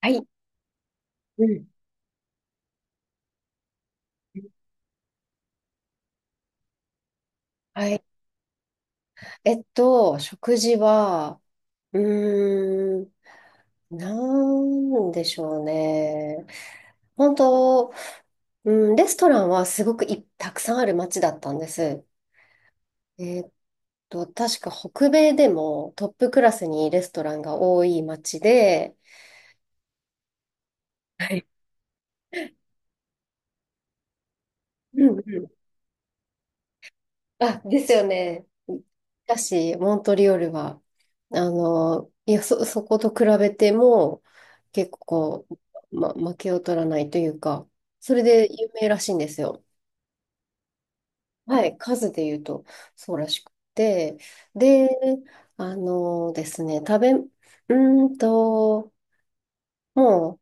はい。うん。はい。食事は、うーん、なんでしょうね。本当、うん、レストランはすごくたくさんある街だったんです。えっ確か北米でもトップクラスにレストランが多い街で、はい。ううんうんあ、ですよね。しかし、モントリオールは、そこと比べても、結構こ負けを取らないというか、それで有名らしいんですよ。はい、数で言うと、そうらしくて。で、あのですね、食べ、うーんと、も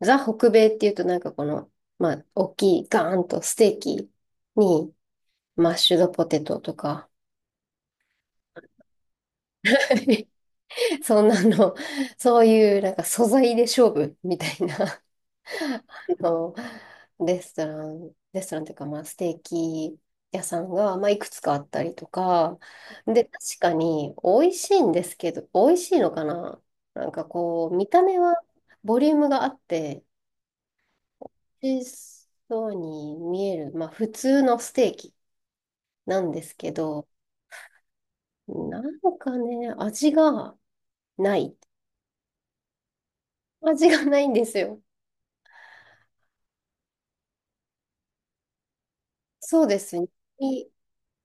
う、ザ・北米っていうと、なんかこの、まあ、大きい、ガーンとステーキに、マッシュドポテトとか、そんなの、そういうなんか素材で勝負みたいな、の、レストランというか、まあ、ステーキ屋さんが、まあ、いくつかあったりとか、で、確かに美味しいんですけど、美味しいのかな。なんかこう、見た目はボリュームがあって、美味しそうに見える、まあ、普通のステーキなんですけど、なんかね、味がない。味がないんですよ。そうですね。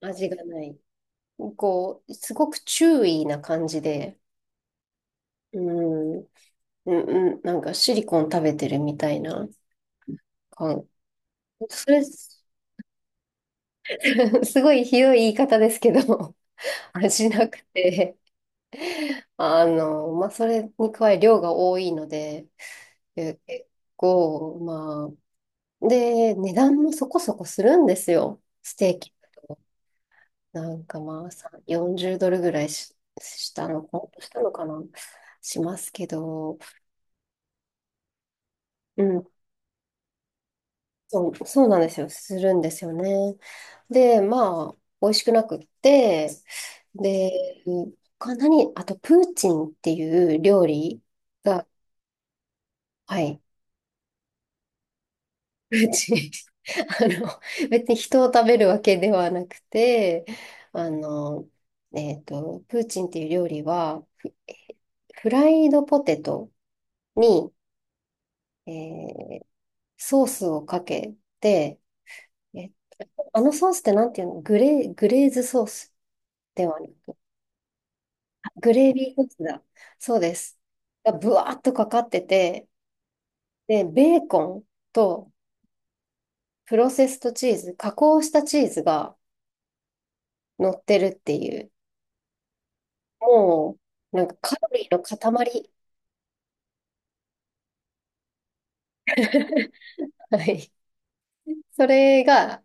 味がない。こう、すごく注意な感じで、うん、うん、うんなんかシリコン食べてるみたいな感。すごいひどい言い方ですけど、味なくて、あの、まあ、それに加え量が多いので、結構、値段もそこそこするんですよ、ステーキだと。なんかまあ、40ドルぐらいし、したの、したのかな、しますけど、うん。そうなんですよ。するんですよね。で、まあ、美味しくなくって、で、あと、プーチンっていう料理が、はい、プーチン。あの、別に人を食べるわけではなくて、あの、プーチンっていう料理は、フライドポテトに、えーソースをかけて、えっあのソースってなんていうの。グレーズソースではない。グレービーソースだ。そうです。がぶわーっとかかってて、で、ベーコンとプロセストチーズ、加工したチーズが乗ってるっていう、もう、なんかカロリーの塊。はい。それが、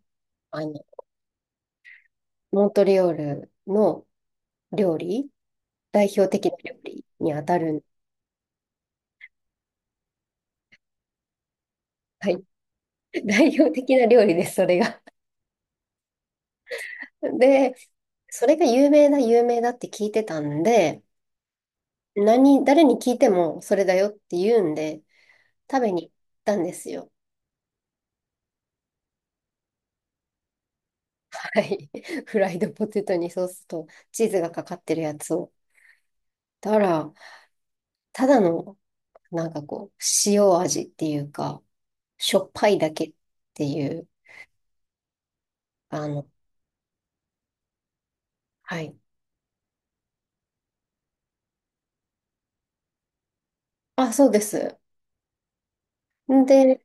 あの、モントリオールの料理、代表的な料理にあたるん。はい。代表的な料理です、それが。で、それが有名だって聞いてたんで、誰に聞いてもそれだよって言うんで、食べに行ったんですよ。はい。フライドポテトにソースとチーズがかかってるやつを。たら、ただの、なんかこう、塩味っていうか、しょっぱいだけっていう、あの、はい。あ、そうです。で、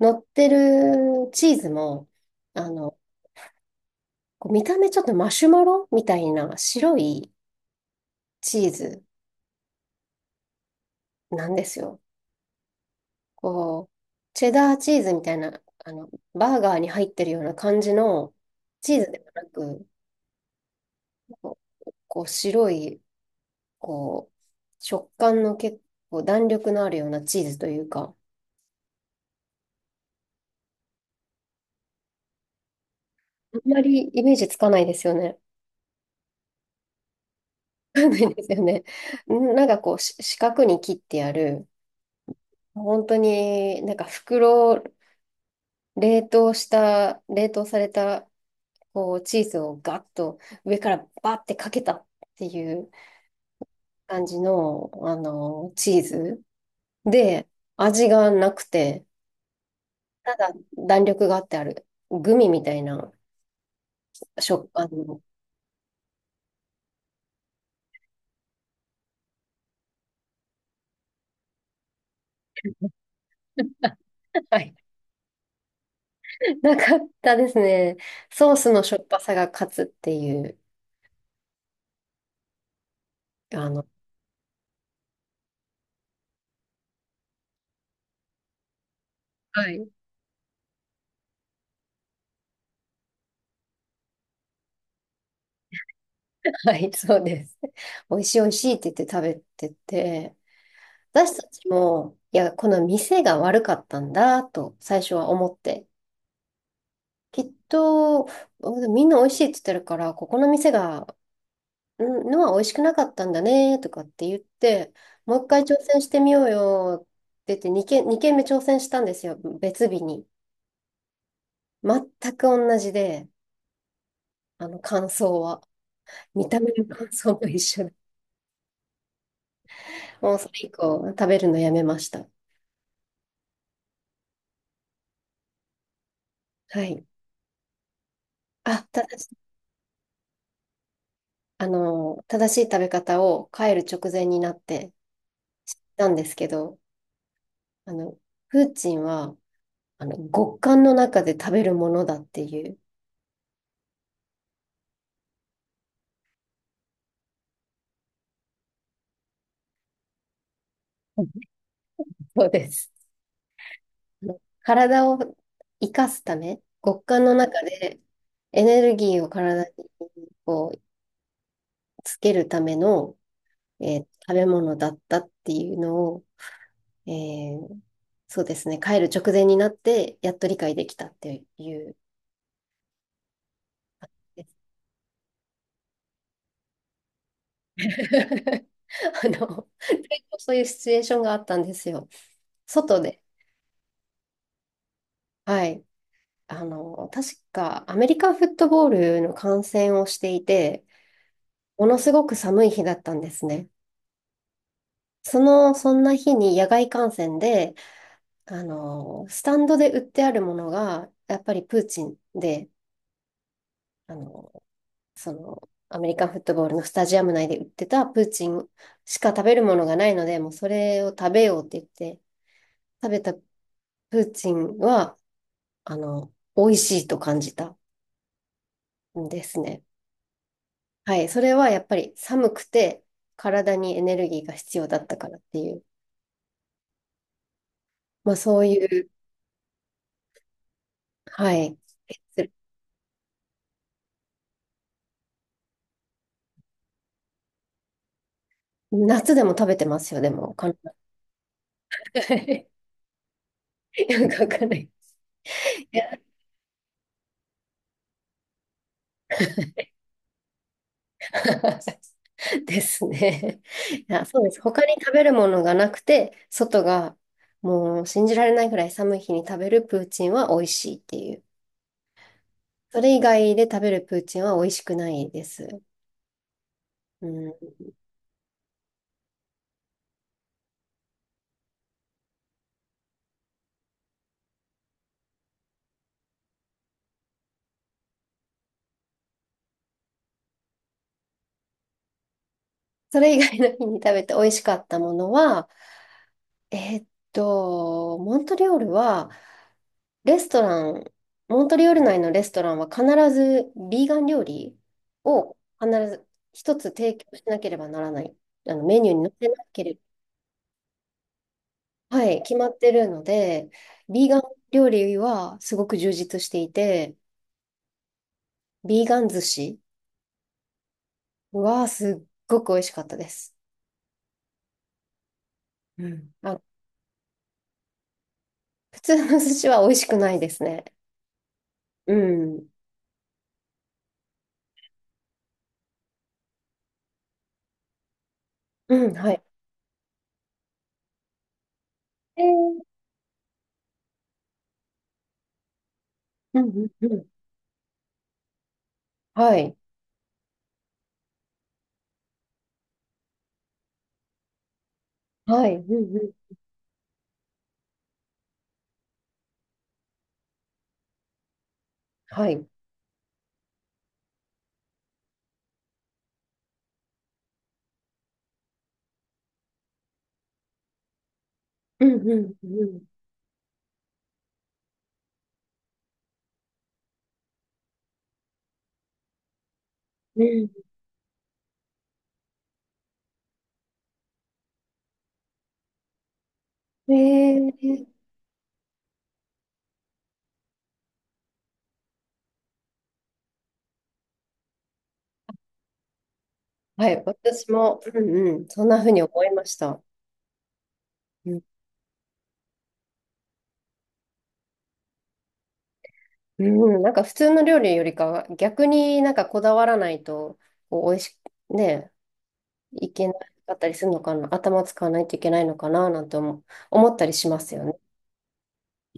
乗ってるチーズも、あの、こう見た目ちょっとマシュマロみたいな白いチーズなんですよ。こう、チェダーチーズみたいな、あの、バーガーに入ってるような感じのチーズでもなく、こう、こう白い、こう、食感の結構弾力のあるようなチーズというか、あんまりイメージつかないですよね。つかないですよね。なんかこう、四角に切ってやる、本当になんか袋、冷凍された、こう、チーズをガッと上からバッてかけたっていう、感じの、あの、チーズで、味がなくて、ただ弾力があってある、グミみたいな食感の、はい、なかったですね。ソースのしょっぱさが勝つっていう、あの、はい、はい、そうです。美味しい美味しいって言って食べてて、私たちも、いや、この店が悪かったんだと最初は思って、きっと、みんな美味しいって言ってるから、ここの店がんのは美味しくなかったんだねとかって言って、もう一回挑戦してみようよって言って2件二軒目挑戦したんですよ、別日に。全く同じで、あの感想は。見た目の感想も一緒で。もうそれ以降、食べるのやめました。はい。あ、ただし、あの、正しい食べ方を帰る直前になってたんですけど、あの、プーチンは、あの、極寒の中で食べるものだっていう。そうです。体を生かすため、極寒の中でエネルギーを体にこうつけるための、えー食べ物だったっていうのを、えーそうですね、帰る直前になってやっと理解できたっていう。あの、結構そういうシチュエーションがあったんですよ。外で、はい。あの、確かアメリカンフットボールの観戦をしていて、ものすごく寒い日だったんですね。そんな日に野外観戦で、あの、スタンドで売ってあるものが、やっぱりプーチンで、あの、その、アメリカンフットボールのスタジアム内で売ってたプーチンしか食べるものがないので、もうそれを食べようって言って、食べたプーチンは、あの、美味しいと感じたんですね。はい。それはやっぱり寒くて、体にエネルギーが必要だったからっていう、まあそういう、はい。夏でも食べてますよ、でも。よくわかんない。いや。 ですね。いや、そうです。他に食べるものがなくて、外がもう信じられないぐらい寒い日に食べるプーチンは美味しいっていう。それ以外で食べるプーチンは美味しくないです。うん。それ以外の日に食べて美味しかったものは、えーっと、レストラン、モントリオール内のレストランは必ずビーガン料理を必ず一つ提供しなければならない。あのメニューに載せなければ、はい、決まってるので、ビーガン料理はすごく充実していて、ビーガン寿司はすっごく美味しかったです。うん。あ、普通の寿司は美味しくないですね。うん。うん、はい。えー、うん、うん、うん。はい。はい。うん、うん。はい。うん、うん、うん。うんええはい、私も、うんうん、そんな風に思いました。うん、うん。なんか普通の料理よりかは、逆になんかこだわらないと、こう、美味しく、ね、いけなかったりするのかな、頭使わないといけないのかな、なんて思、思ったりしますよね。